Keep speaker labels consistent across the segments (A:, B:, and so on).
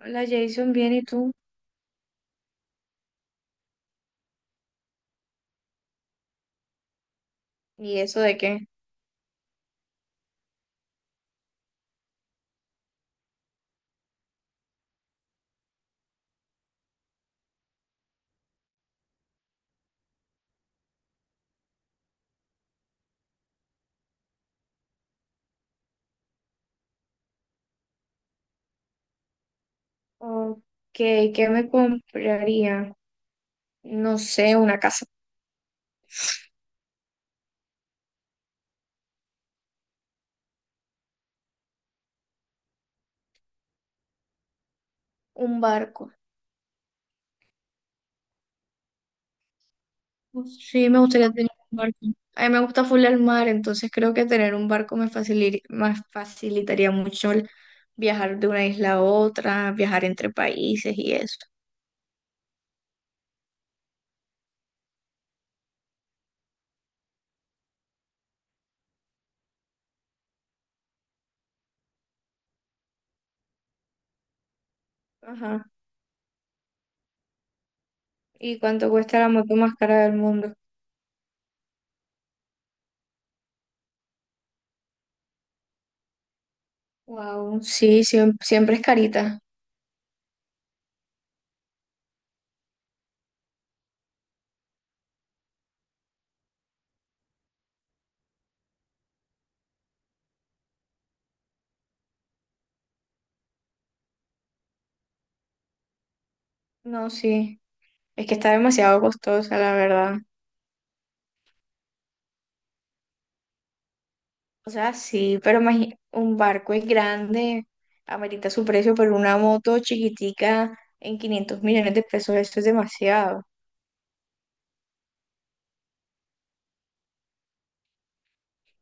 A: Hola Jason, bien, ¿y tú? ¿Y eso de qué? Ok, ¿qué me compraría? No sé, una casa, un barco. Sí, me gustaría tener un barco. A mí me gusta full el mar, entonces creo que tener un barco me facilitaría mucho el viajar de una isla a otra, viajar entre países y eso. Ajá. ¿Y cuánto cuesta la moto más cara del mundo? Wow, sí, siempre es carita. No, sí, es que está demasiado costosa, la verdad. O sea, sí, pero un barco es grande, amerita su precio, pero una moto chiquitica en 500 millones de pesos, eso es demasiado.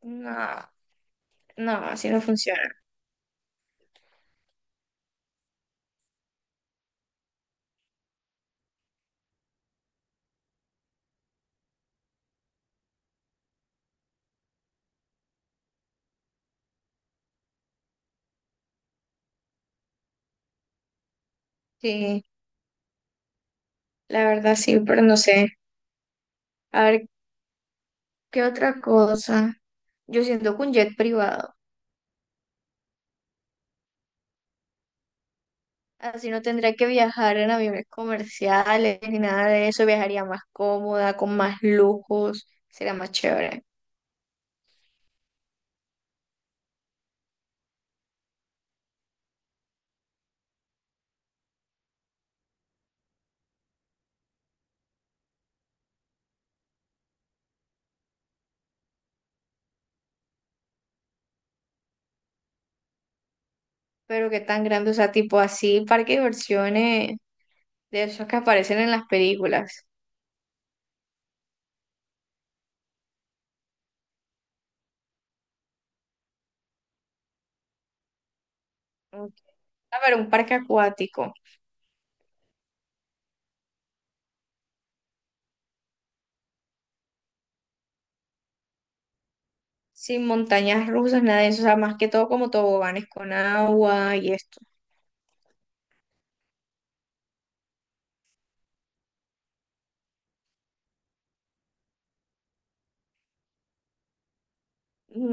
A: No, no, así no funciona. Sí, la verdad sí, pero no sé. A ver, ¿qué otra cosa? Yo siento que un jet privado, así no tendría que viajar en aviones comerciales ni nada de eso, viajaría más cómoda, con más lujos, sería más chévere. Pero qué tan grande, o sea, tipo así, parque de diversiones de esos que aparecen en las películas. Ok. A ver, un parque acuático, sin montañas rusas, nada de eso, o sea, más que todo como toboganes con agua y esto.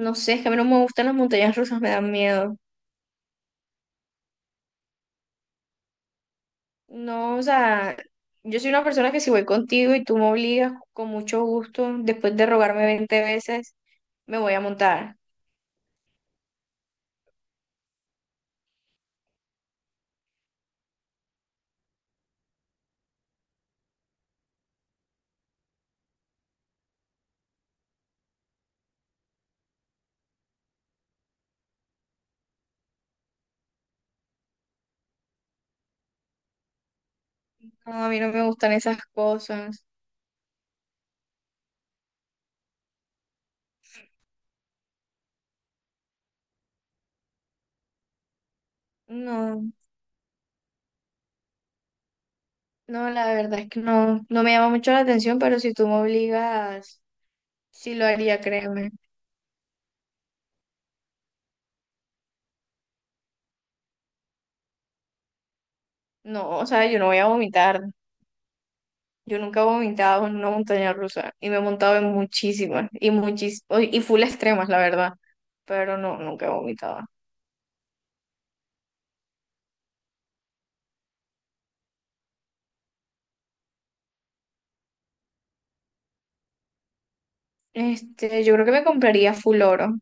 A: No sé, es que a mí no me gustan las montañas rusas, me dan miedo. No, o sea, yo soy una persona que si voy contigo y tú me obligas con mucho gusto, después de rogarme 20 veces, me voy a montar. No, a mí no me gustan esas cosas. No, no, la verdad es que no, no me llama mucho la atención, pero si tú me obligas... Sí lo haría, créeme. No, o sea, yo no voy a vomitar. Yo nunca he vomitado en una montaña rusa y me he montado en muchísimas y y full extremas, la verdad. Pero no, nunca he vomitado. Este, yo creo que me compraría full oro.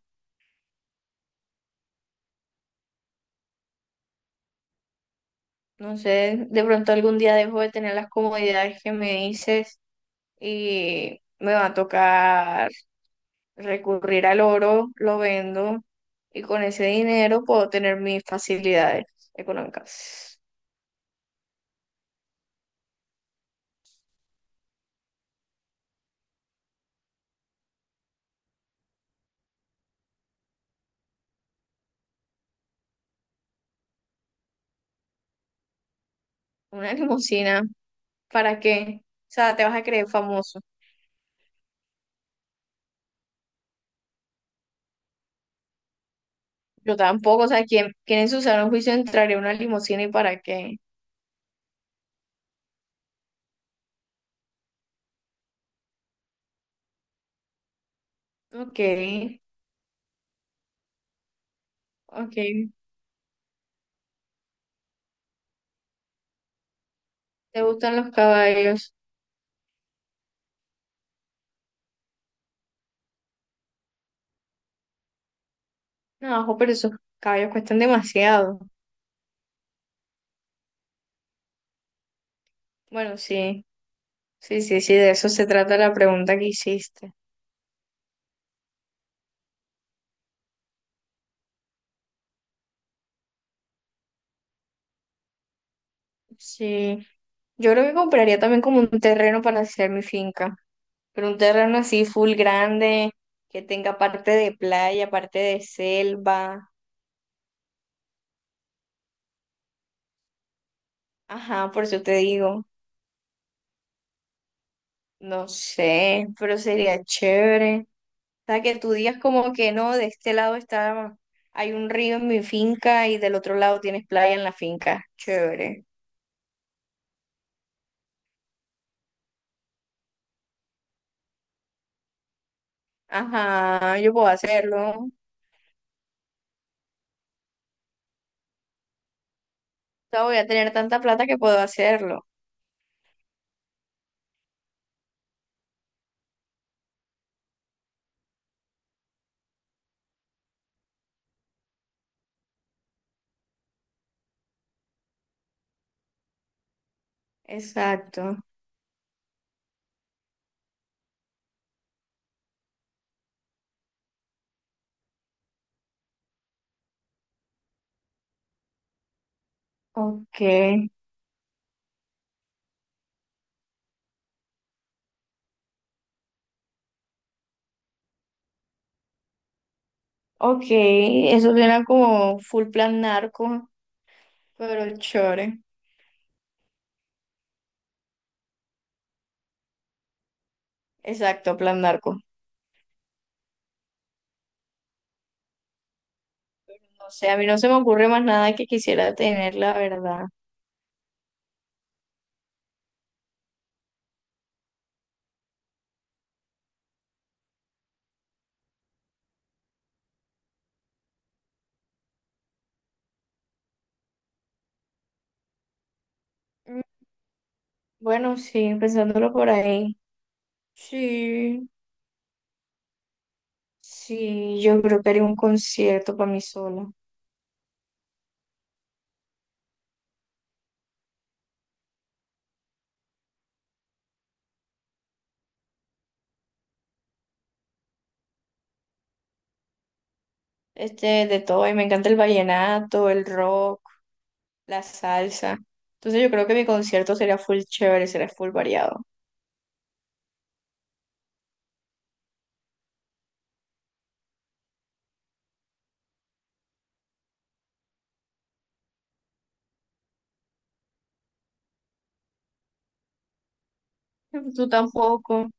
A: No sé, de pronto algún día dejo de tener las comodidades que me dices y me va a tocar recurrir al oro, lo vendo y con ese dinero puedo tener mis facilidades económicas. Una limusina. ¿Para qué? O sea, te vas a creer famoso. Yo tampoco, o sea, ¿quién, quién en su sano juicio entraría a una limusina y para qué? Ok, ok. ¿Te gustan los caballos? No, ojo, pero esos caballos cuestan demasiado. Bueno, sí, sí, sí, sí, de eso se trata la pregunta que hiciste. Sí. Yo creo que compraría también como un terreno para hacer mi finca, pero un terreno así full grande, que tenga parte de playa, parte de selva. Ajá, por eso te digo. No sé, pero sería chévere. O sea, que tú digas como que no, de este lado está, hay un río en mi finca y del otro lado tienes playa en la finca. Chévere. Ajá, yo puedo hacerlo. O sea, voy a tener tanta plata que puedo hacerlo. Exacto. Ok, ok. Eso suena como full plan narco, pero chévere. Exacto, plan narco. No sé, a mí no se me ocurre más nada que quisiera tener, la verdad. Mm. Bueno, sí, pensándolo por ahí. Sí, sí, yo creo que haría un concierto para mí sola. Este, de todo, y me encanta el vallenato, el rock, la salsa. Entonces yo creo que mi concierto sería full chévere, sería full variado. Tú tampoco.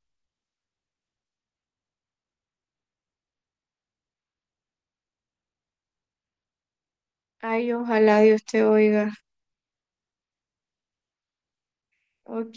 A: Ay, ojalá Dios te oiga. Ok.